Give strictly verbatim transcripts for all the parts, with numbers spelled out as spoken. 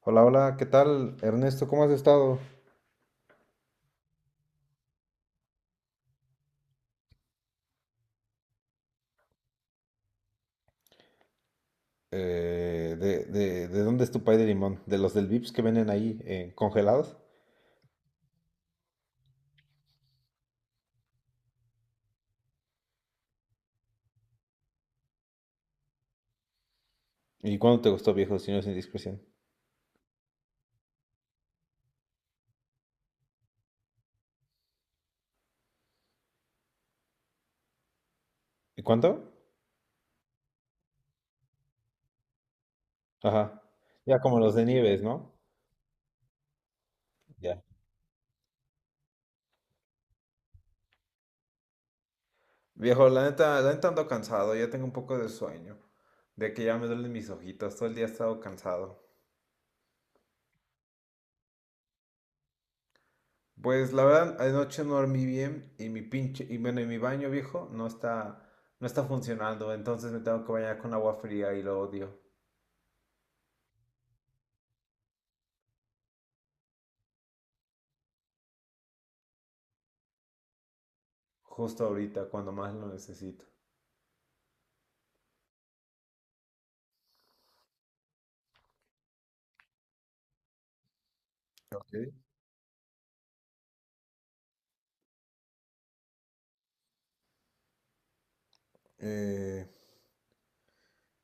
Hola, hola, ¿qué tal, Ernesto? ¿Cómo has estado? Eh, de, de- de dónde es tu pay de limón? ¿De los del Vips que venden ahí eh, congelados? ¿Y cuánto te gustó, viejo, si no es indiscreción? ¿Y cuánto? Ajá. Ya como los de Nieves, ¿no? Ya. Viejo, la neta, la neta ando cansado, ya tengo un poco de sueño, de que ya me duelen mis ojitos, todo el día he estado cansado. Pues la verdad, anoche no dormí bien y mi pinche, y bueno, y mi baño viejo no está, no está funcionando, entonces me tengo que bañar con agua fría y lo odio. Justo ahorita, cuando más lo necesito. Ok. Eh,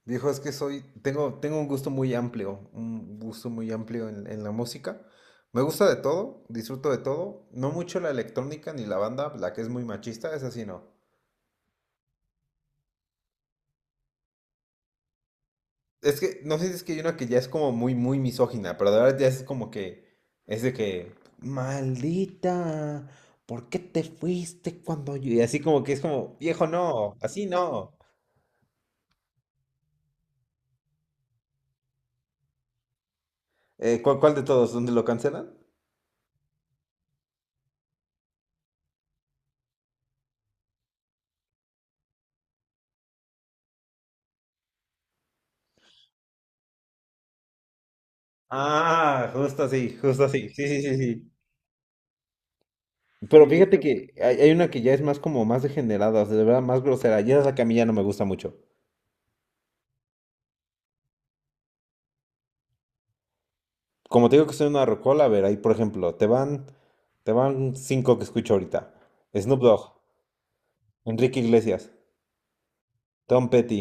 Viejo, es que soy, tengo, tengo un gusto muy amplio, un gusto muy amplio en, en la música. Me gusta de todo, disfruto de todo. No mucho la electrónica ni la banda, la que es muy machista, esa sí no. Es que no sé si es que hay una que ya es como muy, muy misógina, pero de verdad ya es como que, es de que, maldita, ¿por qué te fuiste cuando yo? Y así como que es como, viejo, no, así no. Eh, ¿cuál, cuál de todos? ¿Dónde lo cancelan? Ah, justo así, justo así. Sí, sí, sí, sí. Pero sí, fíjate que hay, hay una que ya es más como más degenerada, o sea, de verdad más grosera. Ya esa es la que a mí ya no me gusta mucho. Como te digo que soy una rocola, a ver, ahí por ejemplo, te van, te van cinco que escucho ahorita. Snoop Dogg, Enrique Iglesias, Tom Petty,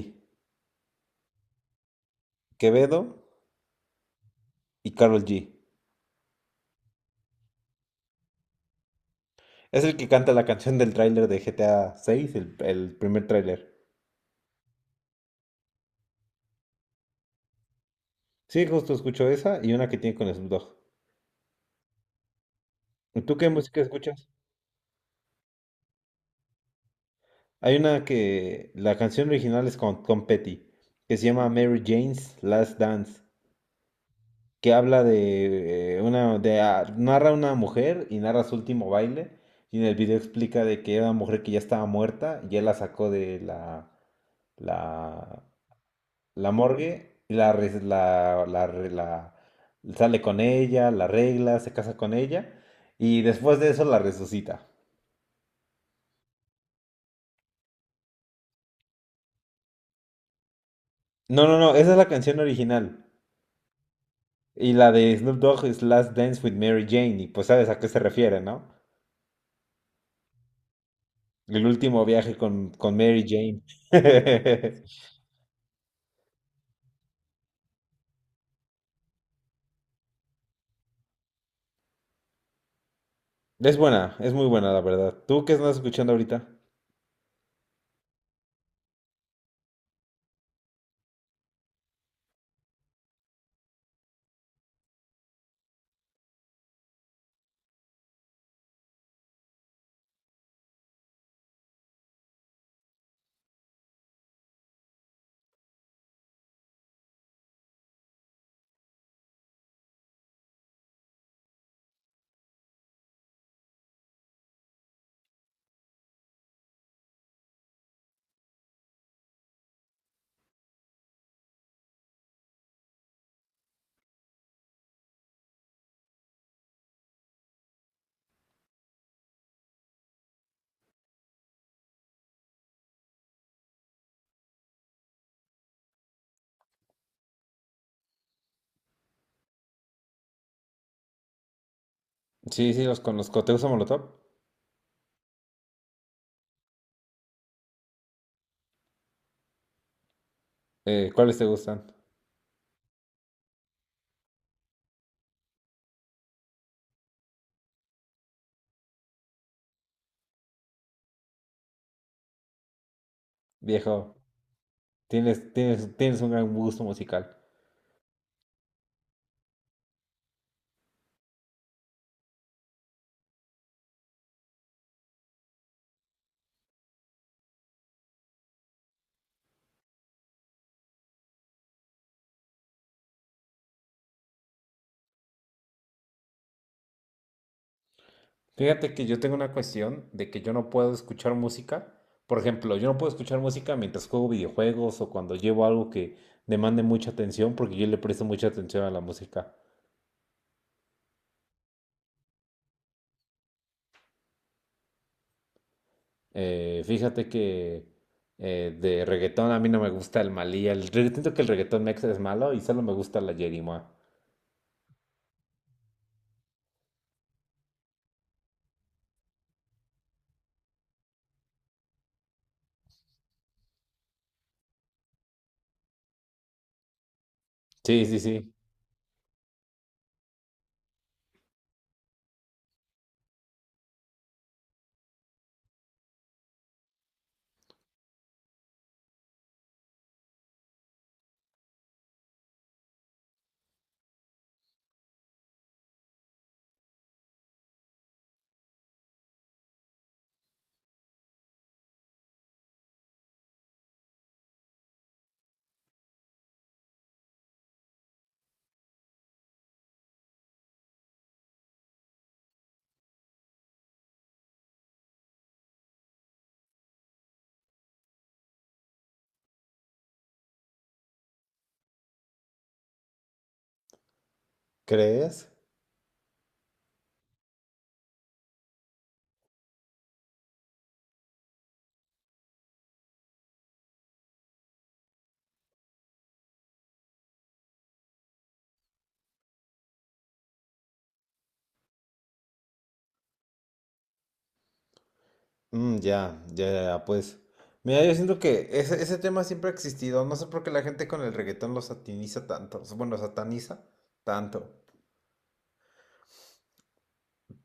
Quevedo y Karol G. Es el que canta la canción del tráiler de G T A seis, el, el primer tráiler. Sí, justo escucho esa y una que tiene con Snoop Dogg. ¿Y tú qué música escuchas? Hay una que la canción original es con Tom Petty, que se llama Mary Jane's Last Dance, que habla de eh, una, de, ah, narra una mujer y narra su último baile, y en el video explica de que era una mujer que ya estaba muerta, y él la sacó de la, la, la morgue, y la, re- la, la, re- la- sale con ella, la arregla, se casa con ella, y después de eso la resucita. No, no, no, esa es la canción original. Y la de Snoop Dogg es Last Dance with Mary Jane. Y pues sabes a qué se refiere, ¿no? El último viaje con, con Mary Jane. Es buena, es muy buena, la verdad. ¿Tú qué estás escuchando ahorita? Sí, sí, los conozco. ¿Te gusta Molotov? Eh, ¿cuáles te gustan? Viejo, tienes, tienes, tienes un gran gusto musical. Fíjate que yo tengo una cuestión de que yo no puedo escuchar música. Por ejemplo, yo no puedo escuchar música mientras juego videojuegos o cuando llevo algo que demande mucha atención porque yo le presto mucha atención a la música. Eh, fíjate que eh, de reggaetón a mí no me gusta el Malí. El reggaetón, siento que el reggaetón mexa es malo y solo me gusta la Yerimoa. Sí, sí, sí. ¿Crees? Mm, ya, ya, ya, pues. Mira, yo siento que ese, ese tema siempre ha existido. No sé por qué la gente con el reggaetón lo sataniza tanto. Bueno, sataniza tanto.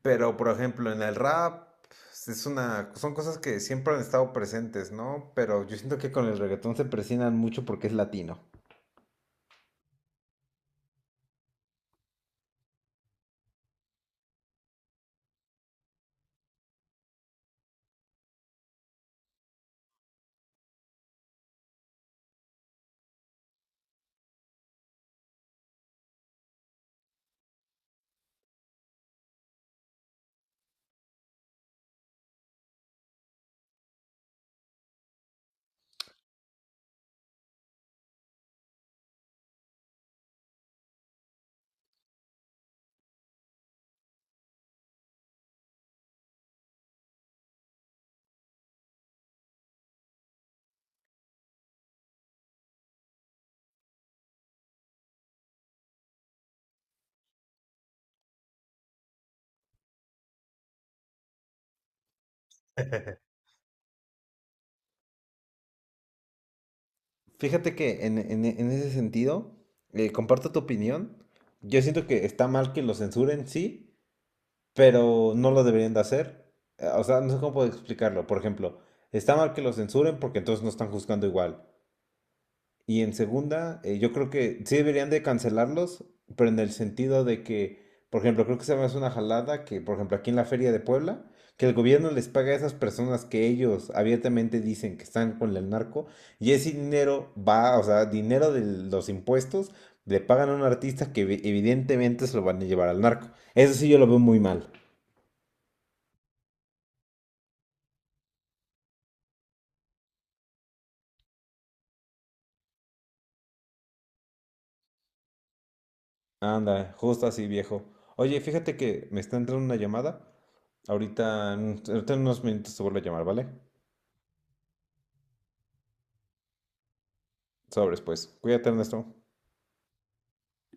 Pero, por ejemplo, en el rap pues, es una, son cosas que siempre han estado presentes, ¿no? Pero yo siento que con el reggaetón se presionan mucho porque es latino. Fíjate que en, en- en ese sentido, eh, comparto tu opinión. Yo siento que está mal que lo censuren, sí, pero no lo deberían de hacer. Eh, O sea, no sé cómo puedo explicarlo. Por ejemplo, está mal que lo censuren porque entonces no están juzgando igual. Y en segunda, eh, yo creo que sí deberían de cancelarlos, pero en el sentido de que, por ejemplo, creo que se me hace una jalada que, por ejemplo, aquí en la Feria de Puebla, que el gobierno les paga a esas personas que ellos abiertamente dicen que están con el narco, y ese dinero va, o sea, dinero de los impuestos, le pagan a un artista que evi- evidentemente se lo van a llevar al narco. Eso sí yo lo veo muy mal. Anda, justo así, viejo. Oye, fíjate que me está entrando una llamada. Ahorita, en- ahorita en unos minutos te vuelvo a llamar, ¿vale? Sobres, pues. Cuídate, Ernesto.